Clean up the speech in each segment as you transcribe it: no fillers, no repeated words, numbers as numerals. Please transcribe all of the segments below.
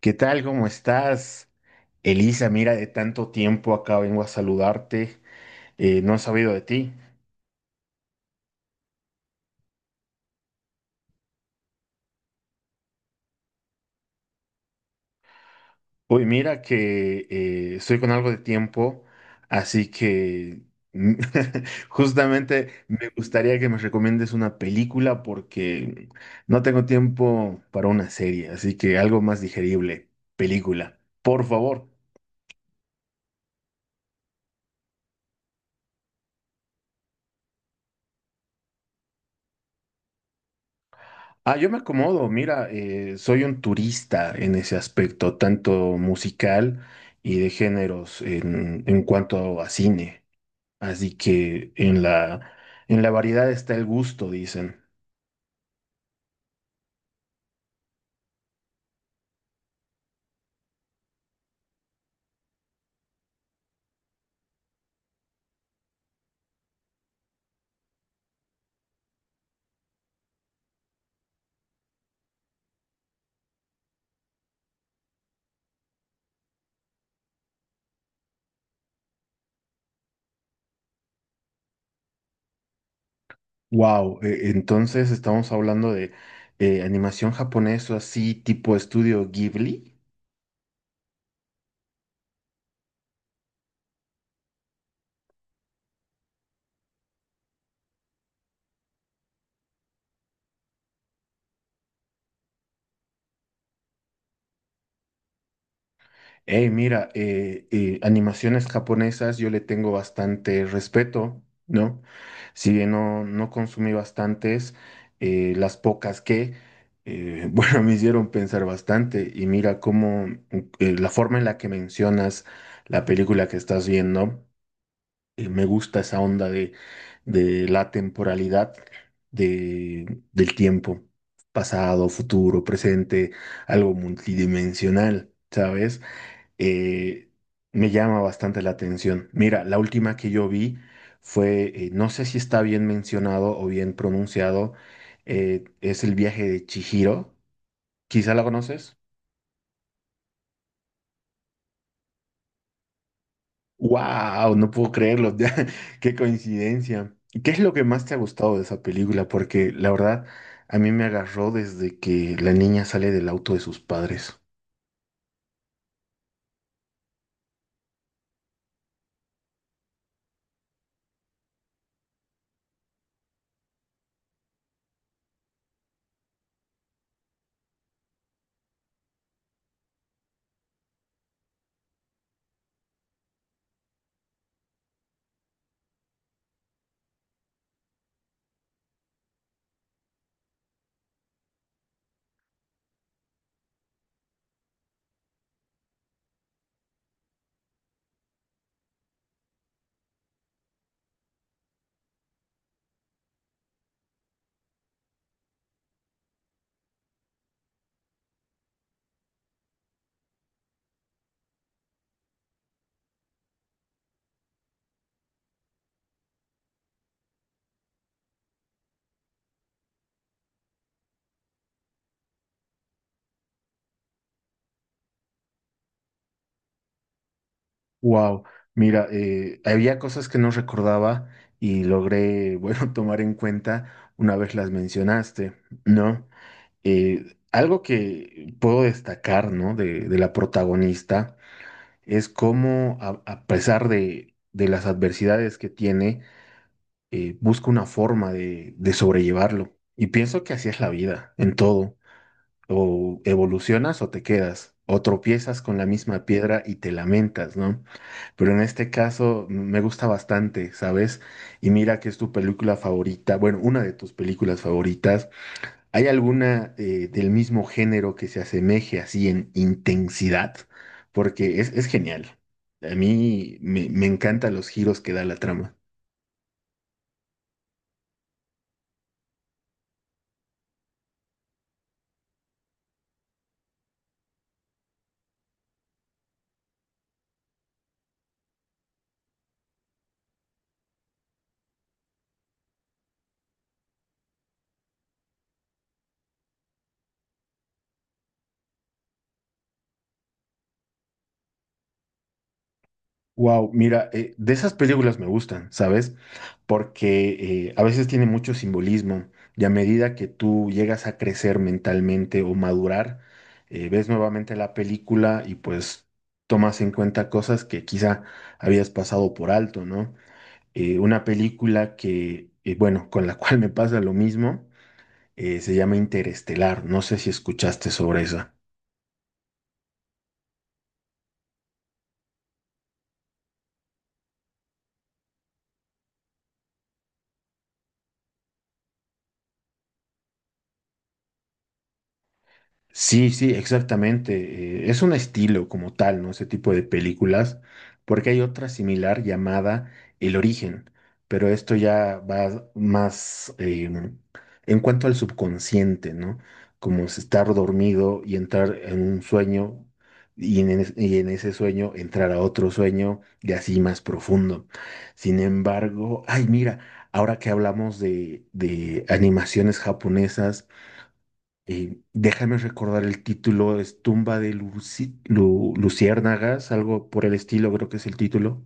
¿Qué tal? ¿Cómo estás? Elisa, mira, de tanto tiempo acá vengo a saludarte. No he sabido de ti. Uy, mira que estoy con algo de tiempo, así que mm, justamente me gustaría que me recomiendes una película porque no tengo tiempo para una serie, así que algo más digerible, película, por favor. Ah, yo me acomodo, mira, soy un turista en ese aspecto, tanto musical y de géneros en cuanto a cine. Así que en la variedad está el gusto, dicen. Wow, entonces estamos hablando de animación japonesa así tipo estudio Ghibli. Hey, mira, animaciones japonesas yo le tengo bastante respeto, ¿no? Si bien no consumí bastantes, las pocas bueno, me hicieron pensar bastante. Y mira cómo la forma en la que mencionas la película que estás viendo, me gusta esa onda de la temporalidad del tiempo, pasado, futuro, presente, algo multidimensional, ¿sabes? eh, Me llama bastante la atención. Mira, la última que yo vi fue, no sé si está bien mencionado o bien pronunciado, es el viaje de Chihiro. Quizá la conoces. ¡Wow! No puedo creerlo. ¡Qué coincidencia! ¿Qué es lo que más te ha gustado de esa película? Porque la verdad, a mí me agarró desde que la niña sale del auto de sus padres. Wow, mira, había cosas que no recordaba y logré, bueno, tomar en cuenta una vez las mencionaste, ¿no? Algo que puedo destacar, ¿no? De la protagonista es cómo, a pesar de las adversidades que tiene, busca una forma de sobrellevarlo. Y pienso que así es la vida, en todo. O evolucionas o te quedas, o tropiezas con la misma piedra y te lamentas, ¿no? Pero en este caso me gusta bastante, ¿sabes? Y mira que es tu película favorita, bueno, una de tus películas favoritas. ¿Hay alguna del mismo género que se asemeje así en intensidad? Porque es genial. A mí me encantan los giros que da la trama. Wow, mira, de esas películas me gustan, ¿sabes? Porque a veces tiene mucho simbolismo y a medida que tú llegas a crecer mentalmente o madurar, ves nuevamente la película y pues tomas en cuenta cosas que quizá habías pasado por alto, ¿no? Una película bueno, con la cual me pasa lo mismo, se llama Interestelar, no sé si escuchaste sobre esa. Sí, sí, exactamente. Es un estilo como tal, ¿no? Ese tipo de películas, porque hay otra similar llamada El Origen, pero esto ya va más en cuanto al subconsciente, ¿no? Como es estar dormido y entrar en un sueño y en ese sueño entrar a otro sueño y así más profundo. Sin embargo, ay, mira, ahora que hablamos de animaciones japonesas, déjame recordar el título, es Tumba de Luci- Lu- Luciérnagas, algo por el estilo, creo que es el título.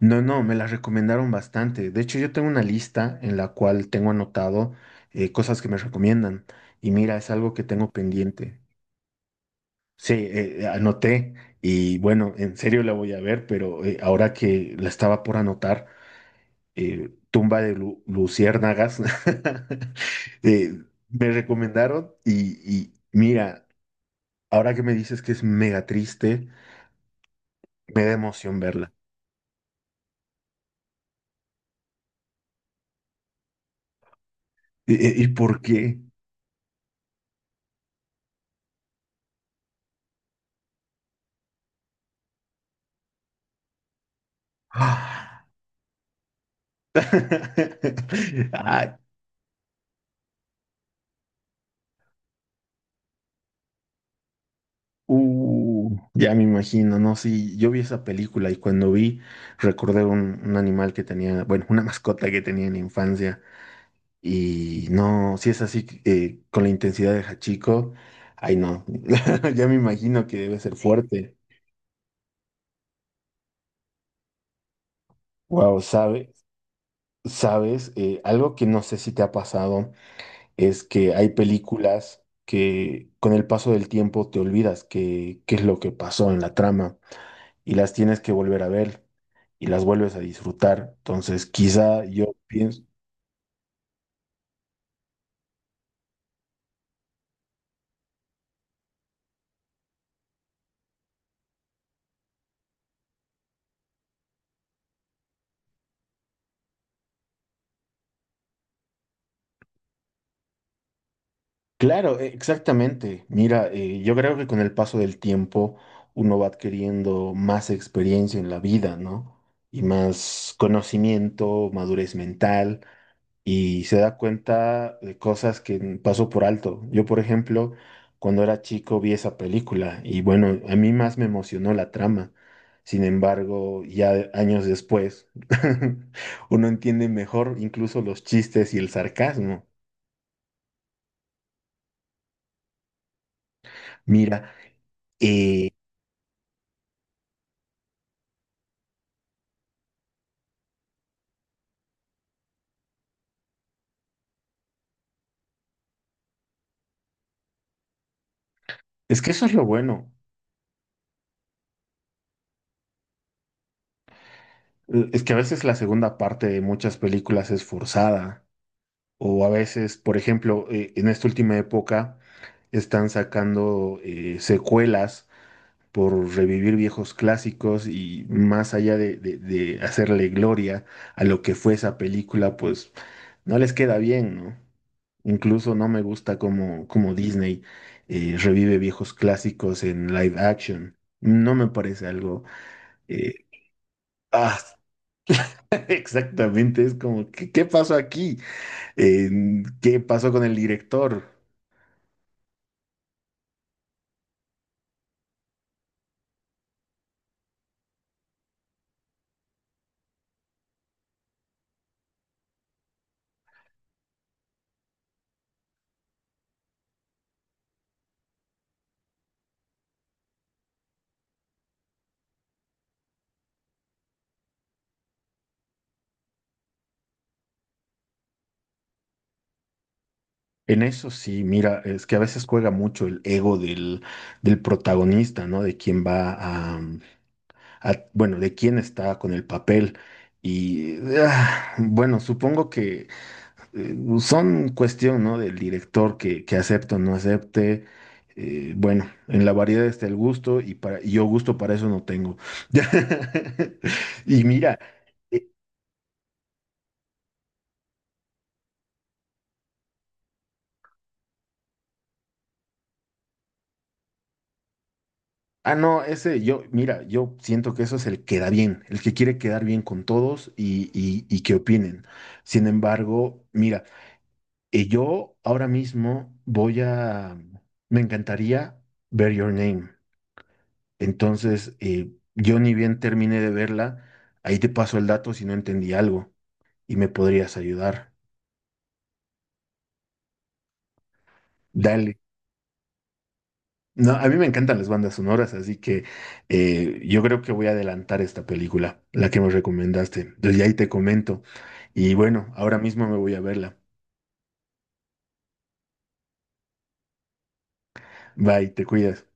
No, me las recomendaron bastante. De hecho, yo tengo una lista en la cual tengo anotado cosas que me recomiendan. Y mira, es algo que tengo pendiente. Sí, anoté y bueno, en serio la voy a ver, pero ahora que la estaba por anotar, Luciérnagas, eh, me recomendaron y mira. Ahora que me dices que es mega triste, me da emoción verla. ¿Y, y por qué? Ah. Ay, ya me imagino, ¿no? Sí, yo vi esa película y cuando vi, recordé un animal que tenía, bueno, una mascota que tenía en la infancia. Y no, si es así, con la intensidad de Hachiko, ay no, ya me imagino que debe ser Sí. fuerte. Wow, ¿sabes? ¿Sabes? Algo que no sé si te ha pasado. Es que hay películas que con el paso del tiempo te olvidas qué es lo que pasó en la trama y las tienes que volver a ver y las vuelves a disfrutar. Entonces, quizá yo pienso, claro, exactamente. Mira, yo creo que con el paso del tiempo uno va adquiriendo más experiencia en la vida, ¿no? Y más conocimiento, madurez mental. Y se da cuenta de cosas que pasó por alto. Yo, por ejemplo, cuando era chico vi esa película y bueno, a mí más me emocionó la trama. Sin embargo, ya años después, uno entiende mejor incluso los chistes y el sarcasmo. Mira, eh, es que eso es lo bueno. Es que a veces la segunda parte de muchas películas es forzada. O a veces, por ejemplo, en esta última época están sacando secuelas por revivir viejos clásicos y más allá de hacerle gloria a lo que fue esa película, pues no les queda bien, ¿no? Incluso no me gusta cómo Disney revive viejos clásicos en live action. No me parece algo... eh, ah, exactamente, es como, qué pasó aquí? Eh, ¿Qué pasó con el director? En eso sí, mira, es que a veces juega mucho el ego del protagonista, ¿no? De quien va a, bueno, de quién está con el papel. Y ah, bueno, supongo que son cuestión, ¿no? Del director que acepte o no acepte. Bueno, en la variedad está el gusto y yo gusto para eso no tengo. Y mira, eh, no, ese yo, mira, yo siento que eso es el que da bien, el que quiere quedar bien con todos y que opinen. Sin embargo, mira. Y yo ahora mismo me encantaría ver Your Name. Entonces, yo ni bien terminé de verla, ahí te paso el dato si no entendí algo y me podrías ayudar. Dale. No, a mí me encantan las bandas sonoras, así que yo creo que voy a adelantar esta película, la que me recomendaste. Entonces, ya ahí te comento. Y bueno, ahora mismo me voy a verla. Bye, te cuidas.